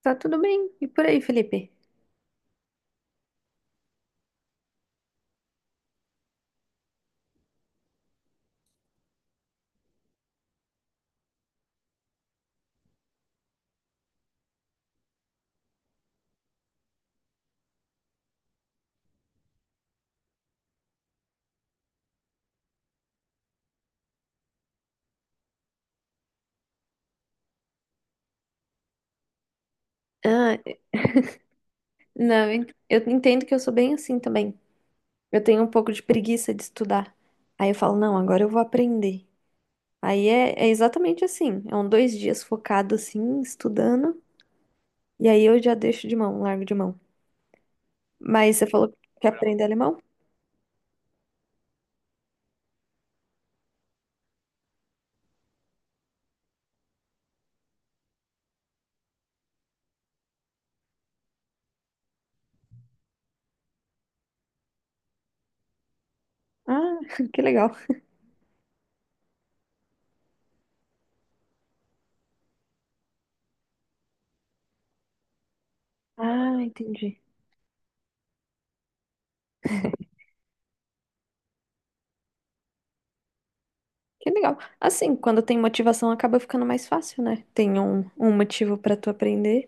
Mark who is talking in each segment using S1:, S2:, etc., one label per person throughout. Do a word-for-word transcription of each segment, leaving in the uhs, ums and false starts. S1: Tá tudo bem. E por aí, Felipe? Ah, não, eu en- eu entendo que eu sou bem assim também. Eu tenho um pouco de preguiça de estudar. Aí eu falo, não, agora eu vou aprender. Aí é, é exatamente assim. É um dois dias focado assim, estudando. E aí eu já deixo de mão, largo de mão. Mas você falou que quer aprender alemão? Ah, que legal. Ah, entendi. Que legal. Assim, quando tem motivação, acaba ficando mais fácil, né? Tem um, um motivo pra tu aprender.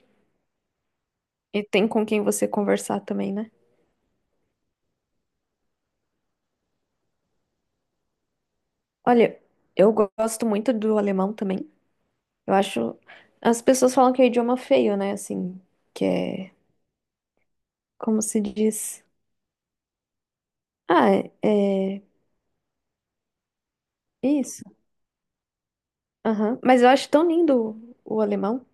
S1: E tem com quem você conversar também, né? Olha, eu go- gosto muito do alemão também. Eu acho. As pessoas falam que é o idioma feio, né? Assim, que é. Como se diz? Ah, é. é- Isso. Aham. Mas eu acho tão lindo o, o alemão.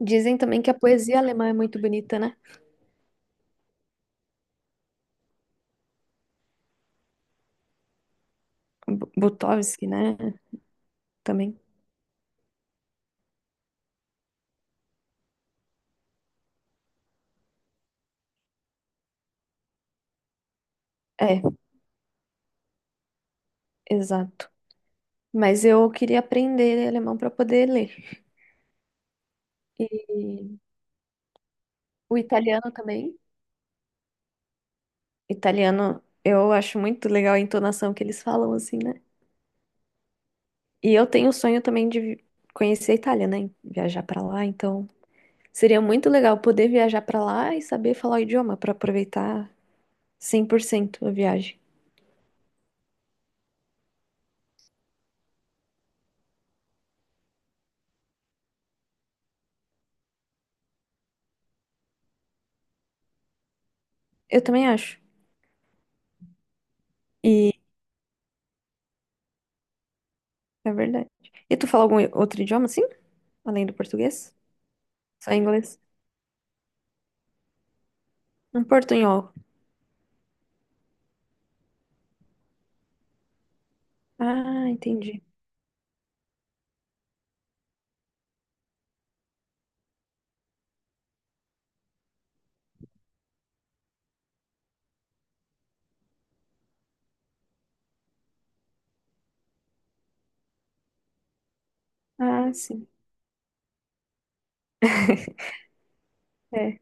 S1: Dizem também que a poesia alemã é muito bonita, né? Bu- Butowski, né? Também. É, exato. Mas eu queria aprender alemão para poder ler. E o italiano também. Italiano, eu acho muito legal a entonação que eles falam, assim, né? E eu tenho o sonho também de vi- conhecer a Itália, né? Viajar pra lá, então seria muito legal poder viajar pra lá e saber falar o idioma pra aproveitar cem por cento a viagem. Eu também acho. E é verdade. E tu fala algum outro idioma assim? Além do português? Só inglês? Um portunhol. Ah, entendi. Ah, sim. É.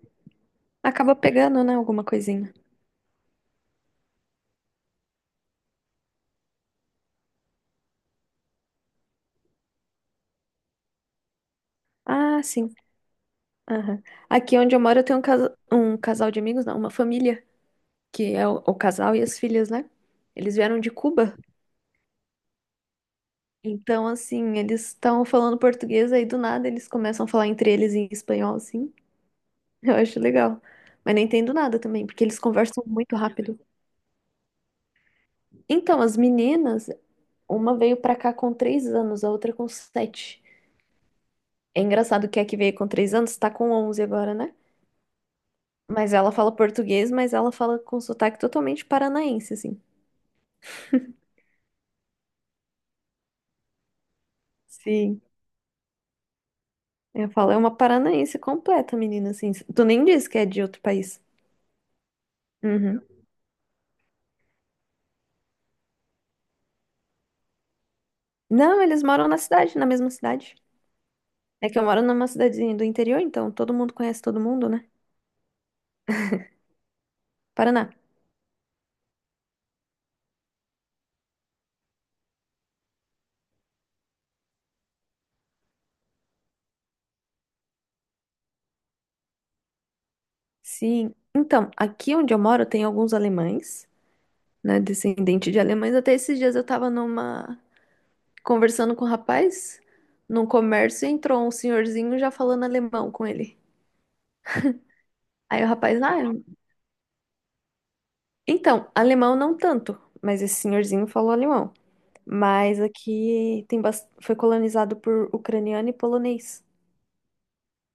S1: Acaba pegando, né, alguma coisinha. Ah, sim. Aham. Aqui onde eu moro, eu tenho um, casa, um casal de amigos, não, uma família que é o, o casal e as filhas, né? Eles vieram de Cuba. Então, assim, eles estão falando português, aí do nada eles começam a falar entre eles em espanhol, assim. Eu acho legal. Mas nem entendo nada também, porque eles conversam muito rápido. Então, as meninas, uma veio pra cá com três anos, a outra com sete. É engraçado que a que veio com três anos tá com onze agora, né? Mas ela fala português, mas ela fala com sotaque totalmente paranaense, assim. Sim. Eu falo, é uma paranaense completa, menina, assim. Tu nem diz que é de outro país. Uhum. Não, eles moram na cidade, na mesma cidade. É que eu moro numa cidadezinha do interior, então todo mundo conhece todo mundo, né? Paraná. Sim. Então, aqui onde eu moro tem alguns alemães, né? Descendente de alemães. Até esses dias eu tava numa, conversando com um rapaz num comércio e entrou um senhorzinho já falando alemão com ele. Aí o rapaz, ah, então, alemão não tanto, mas esse senhorzinho falou alemão. Mas aqui tem bas, foi colonizado por ucraniano e polonês.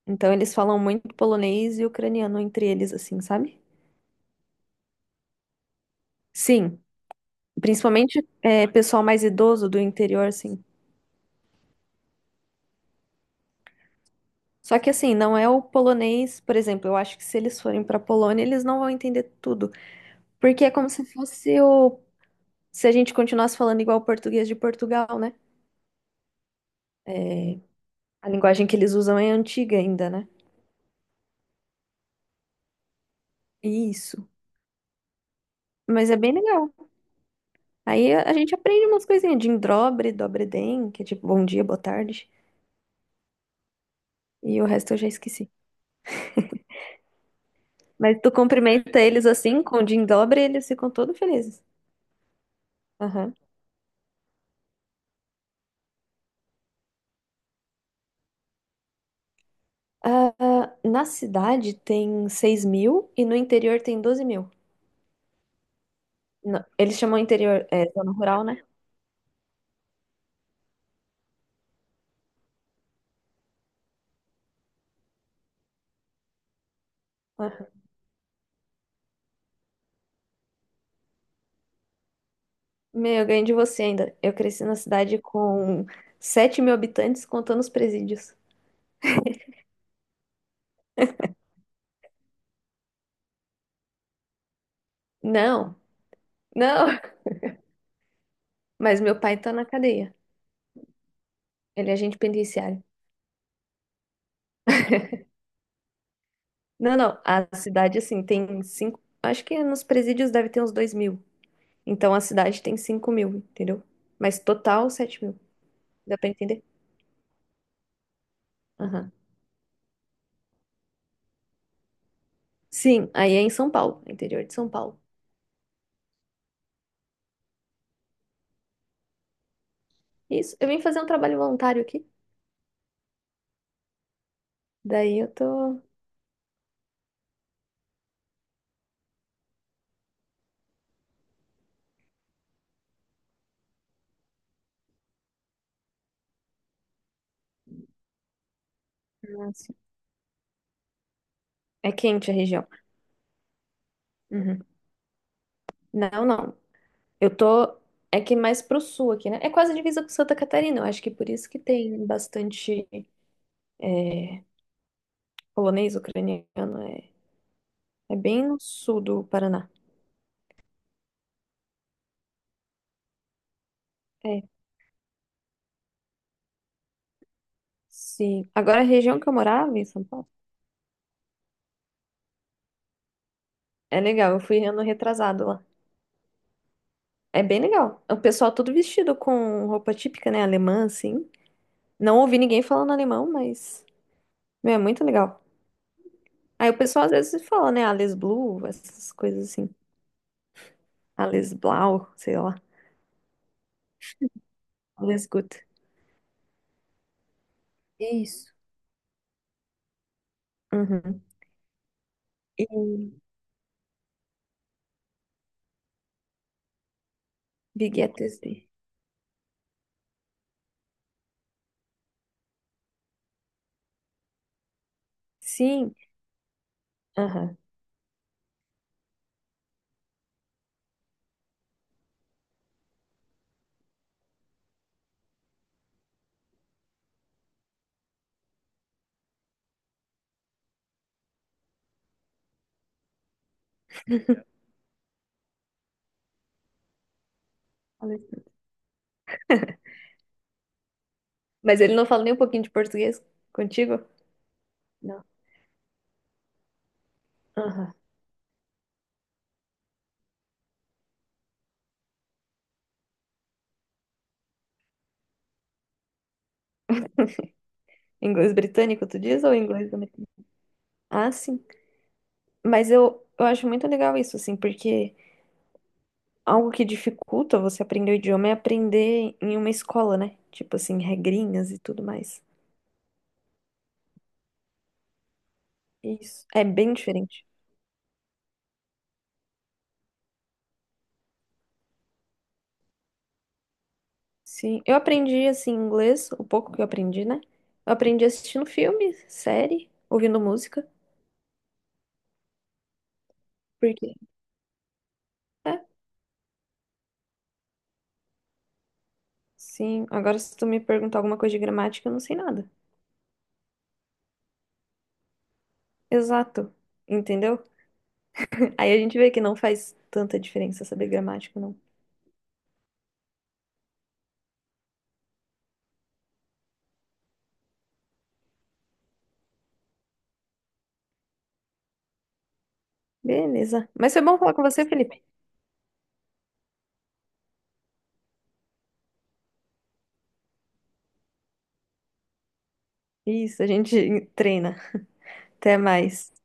S1: Então eles falam muito polonês e ucraniano entre eles, assim, sabe? Sim, principalmente é, pessoal mais idoso do interior, assim. Só que assim, não é o polonês, por exemplo, eu acho que se eles forem pra Polônia, eles não vão entender tudo, porque é como se fosse o se a gente continuasse falando igual o português de Portugal, né? É, a linguagem que eles usam é antiga ainda, né? Isso. Mas é bem legal. Aí a a gente aprende umas coisinhas de indrobre, dobre den, que é tipo bom dia, boa tarde, e o resto eu já esqueci. Mas tu cumprimenta eles assim, com o em dobra, e eles ficam todos felizes. Aham. Ah, ah, na cidade tem seis mil e no interior tem doze mil. Não, eles chamam interior, é, zona rural, né? Aham. Meu, eu ganhei de você ainda. Eu cresci na cidade com sete mil habitantes, contando os presídios. Não, não. Mas meu pai tá na cadeia. Ele é agente penitenciário. Não, não. A cidade, assim, tem cinco. Acho que nos presídios deve ter uns dois mil. Então a cidade tem cinco mil, entendeu? Mas total sete mil. Dá pra entender? Aham. Sim, aí é em São Paulo, interior de São Paulo. Isso. Eu vim fazer um trabalho voluntário aqui. Daí eu tô. Nossa. É quente a região. Uhum. Não, não. Eu tô. É que mais pro sul aqui, né? É quase divisa com Santa Catarina. Eu acho que por isso que tem bastante é, polonês, ucraniano. É, é bem no sul do Paraná. É. Sim. Agora a região que eu morava em São Paulo. É legal, eu fui ano retrasado lá. É bem legal. O pessoal todo vestido com roupa típica, né? Alemã, assim. Não ouvi ninguém falando alemão, mas. Meu, é muito legal. Aí o pessoal às vezes fala, né? Alles Blue, essas coisas assim. Alles Blau, sei lá. Alles Gut. Isso. Uhum. E Wie geht es dir? Sim. Aham. Alles Gut. Mas ele não fala nem um pouquinho de português contigo? Não. Aham. Inglês britânico, tu diz? Ou inglês americano? Ah, sim. Mas eu, eu acho muito legal isso, assim, porque. Algo que dificulta você aprender o idioma é aprender em uma escola, né? Tipo assim, regrinhas e tudo mais. Isso. É bem diferente. Sim. Eu aprendi, assim, inglês, o pouco que eu aprendi, né? Eu aprendi assistindo filme, série, ouvindo música. Porque. É, sim. Agora, se tu me perguntar alguma coisa de gramática, eu não sei nada. Exato. Entendeu? Aí a gente vê que não faz tanta diferença saber gramática, não. Beleza. Mas foi bom falar com você, Felipe. Isso, a gente treina. Até mais.